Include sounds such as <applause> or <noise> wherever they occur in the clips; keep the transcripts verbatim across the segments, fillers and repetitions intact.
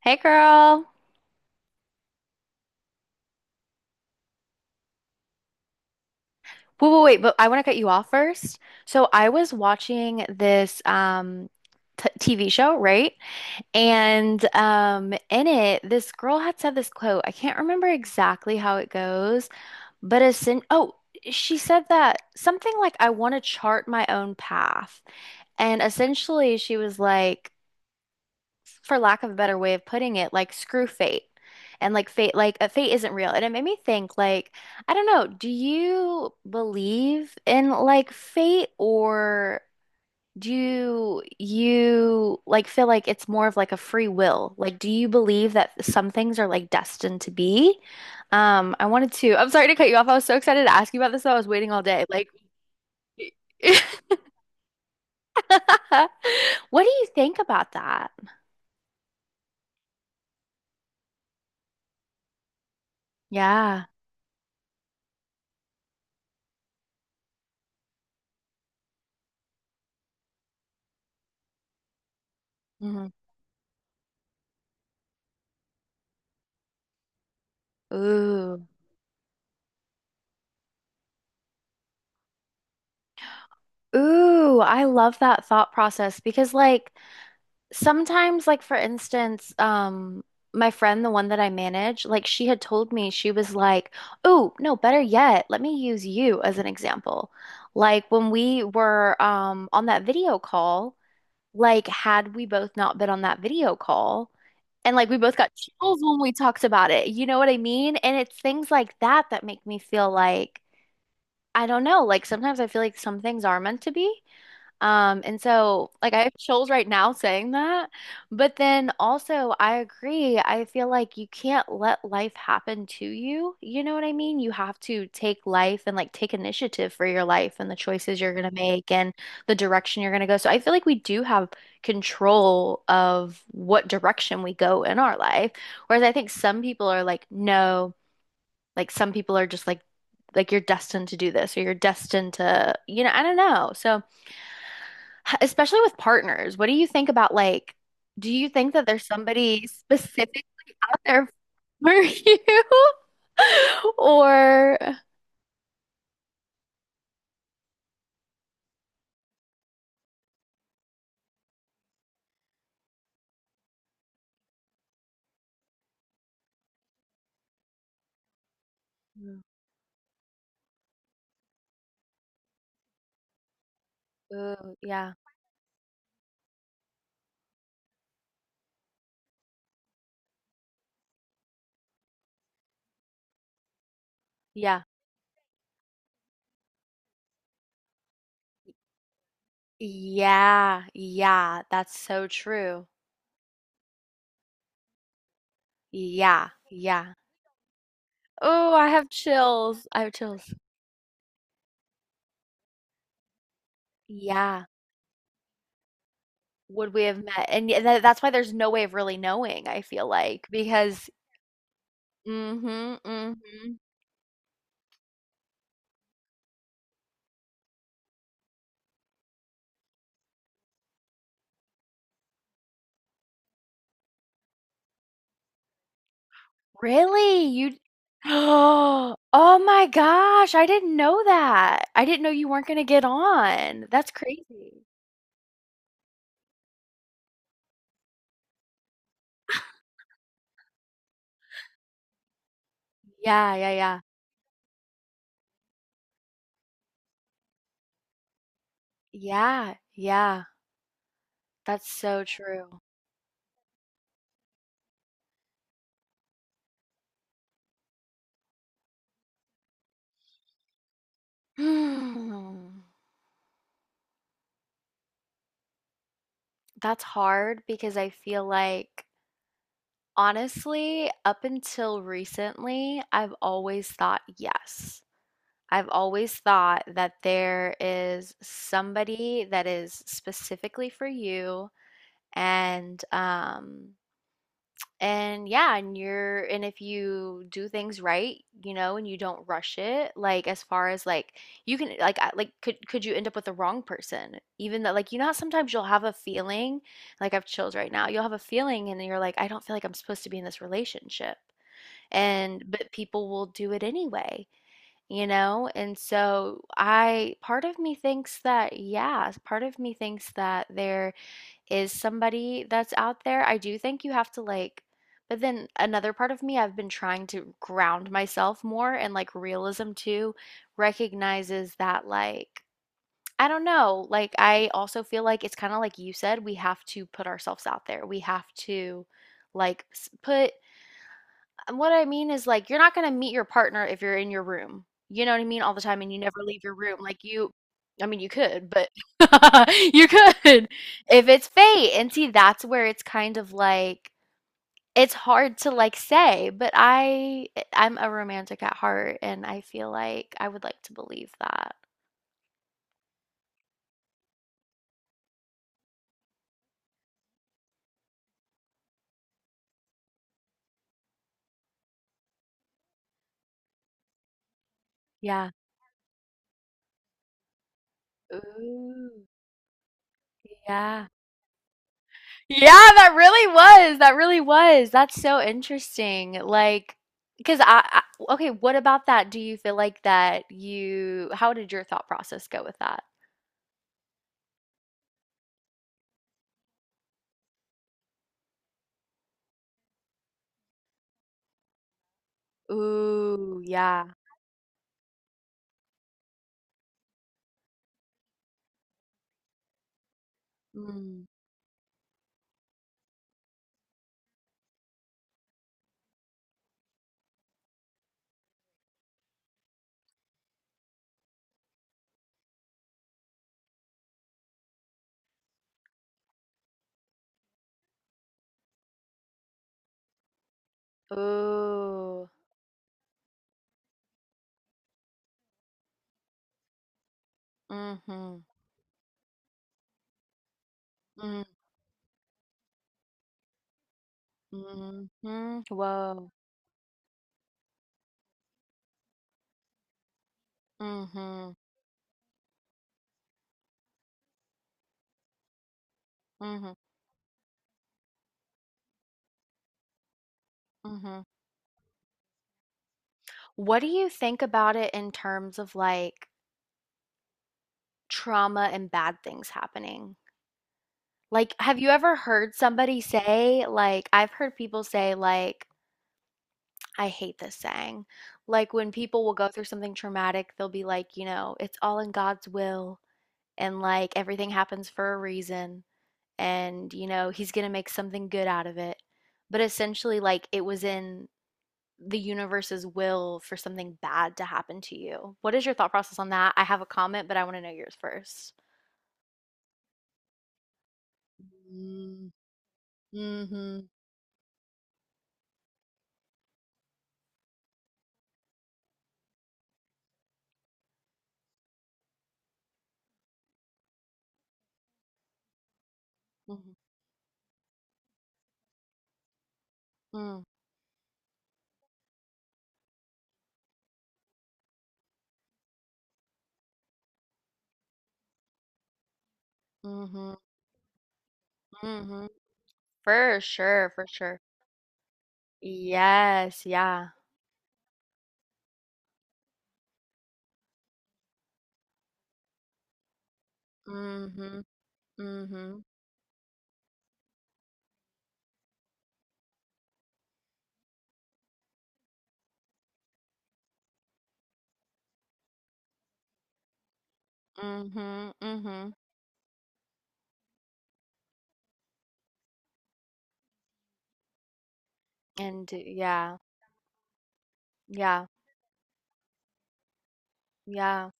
Hey girl. Wait, wait, wait, but I want to cut you off first. So I was watching this um t TV show, right? And um in it, this girl had said this quote. I can't remember exactly how it goes, but as in oh, she said that something like I want to chart my own path. And essentially she was like, for lack of a better way of putting it, like screw fate. And like fate, like uh, fate isn't real. And it made me think, like, I don't know, do you believe in like fate or do you like feel like it's more of like a free will? Like, do you believe that some things are like destined to be? Um, I wanted to, I'm sorry to cut you off. I was so excited to ask you about this though. I was waiting all day. Like, <laughs> what do you think about that? Yeah. Mhm. Ooh. Ooh, I love that thought process because like sometimes, like for instance, um my friend, the one that I manage, like she had told me she was like, "Oh, no, better yet, let me use you as an example." Like when we were um on that video call, like had we both not been on that video call, and like we both got chills when we talked about it. You know what I mean? And it's things like that that make me feel like, I don't know, like sometimes I feel like some things are meant to be. Um, and so like I have chills right now saying that, but then also I agree. I feel like you can't let life happen to you. You know what I mean? You have to take life and like take initiative for your life and the choices you're gonna make and the direction you're gonna go. So I feel like we do have control of what direction we go in our life. Whereas I think some people are like, no, like some people are just like like you're destined to do this or you're destined to, you know, I don't know. So especially with partners. What do you think about, like, do you think that there's somebody specifically out there for <laughs> you? <laughs> Or Mm. Ooh, yeah, yeah, yeah, yeah. That's so true. Yeah, yeah. Oh, I have chills. I have chills. Yeah. Would we have met? And y- tha- that's why there's no way of really knowing, I feel like, because mm-hmm, mm-hmm. Really? You <gasps> Oh, oh my gosh, I didn't know that. I didn't know you weren't gonna get on. That's crazy. Yeah, yeah, yeah. Yeah, yeah. That's so true. <sighs> Hmm. That's hard because I feel like, honestly, up until recently, I've always thought yes. I've always thought that there is somebody that is specifically for you and um and yeah, and you're, and if you do things right, you know, and you don't rush it, like as far as like you can, like, I- like could could you end up with the wrong person? Even though, like, you know how sometimes you'll have a feeling, like I have chills right now, you'll have a feeling, and then you're like, I don't feel like I'm supposed to be in this relationship, and but people will do it anyway, you know. And so I, part of me thinks that, yeah, part of me thinks that they're is somebody that's out there. I do think you have to like, but then another part of me, I've been trying to ground myself more and like realism too recognizes that, like, I don't know, like I also feel like it's kind of like you said, we have to put ourselves out there. We have to like s- put and what I mean is, like, you're not gonna meet your partner if you're in your room. You know what I mean? All the time, and you never leave your room. Like, you, I mean, you could, but <laughs> you could if it's fate. And see, that's where it's kind of like it's hard to like say, but I eh, I'm a romantic at heart, and I feel like I would like to believe that. Yeah. Ooh, yeah. Yeah, that really was. That really was. That's so interesting. Like, because I, I, okay, what about that? Do you feel like that you, how did your thought process go with that? Ooh, yeah. Mm. Ooh. Mm-hmm. Mm-hmm. Whoa. Mm-hmm. Mm-hmm. Mm-hmm. What do you think about it in terms of like trauma and bad things happening? Like, have you ever heard somebody say, like, I've heard people say, like, I hate this saying. Like, when people will go through something traumatic, they'll be like, you know, it's all in God's will, and like everything happens for a reason, and you know, he's gonna make something good out of it. But essentially, like, it was in the universe's will for something bad to happen to you. What is your thought process on that? I have a comment, but I want to know yours first. Mm-hmm. Mm-hmm. Mm-hmm. Mm-hmm. For sure, for sure. Yes, yeah. Mm-hmm. Mm-hmm. Mm-hmm. Mm-hmm. And yeah, yeah, yeah.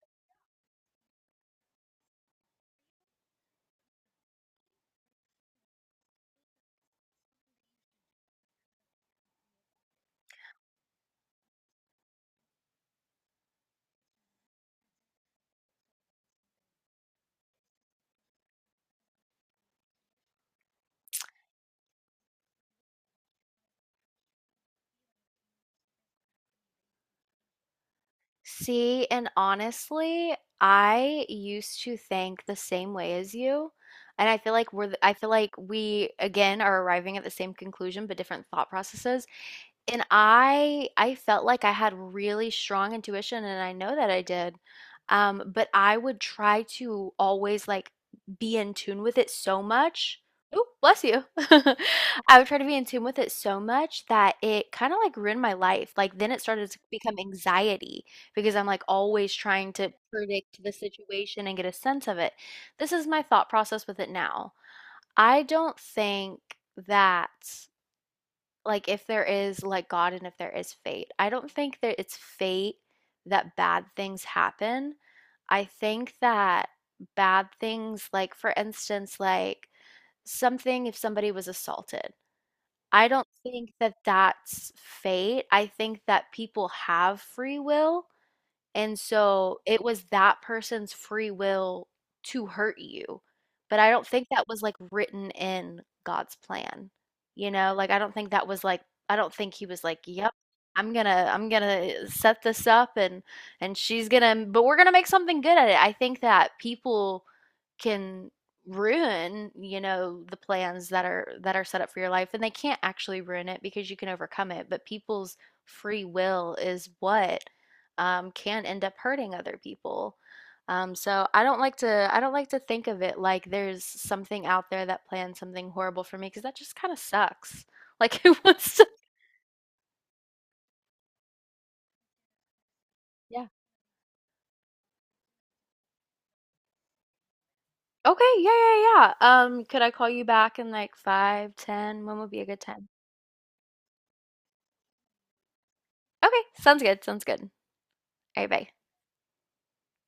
See, and honestly, I used to think the same way as you. And I feel like we're, th- I feel like we again are arriving at the same conclusion, but different thought processes. And I I felt like I had really strong intuition, and I know that I did. Um, but I would try to always like be in tune with it so much. Oh, bless you. <laughs> I would try to be in tune with it so much that it kind of like ruined my life. Like then it started to become anxiety because I'm like always trying to predict the situation and get a sense of it. This is my thought process with it now. I don't think that, like if there is like God and if there is fate. I don't think that it's fate that bad things happen. I think that bad things, like for instance, like something if somebody was assaulted, I don't think that that's fate. I think that people have free will and so it was that person's free will to hurt you. But I don't think that was like written in God's plan. You know, like I don't think that was like I don't think he was like, "Yep, I'm gonna I'm gonna set this up and and she's gonna but we're gonna make something good at it." I think that people can ruin, you know, the plans that are that are set up for your life and they can't actually ruin it because you can overcome it, but people's free will is what um, can end up hurting other people. Um, so I don't like to I don't like to think of it like there's something out there that plans something horrible for me because that just kind of sucks. Like <laughs> who wants to? Yeah. Okay, yeah, yeah, yeah. Um, could I call you back in like five, ten? When would be a good time? Okay, sounds good. Sounds good. All right, bye.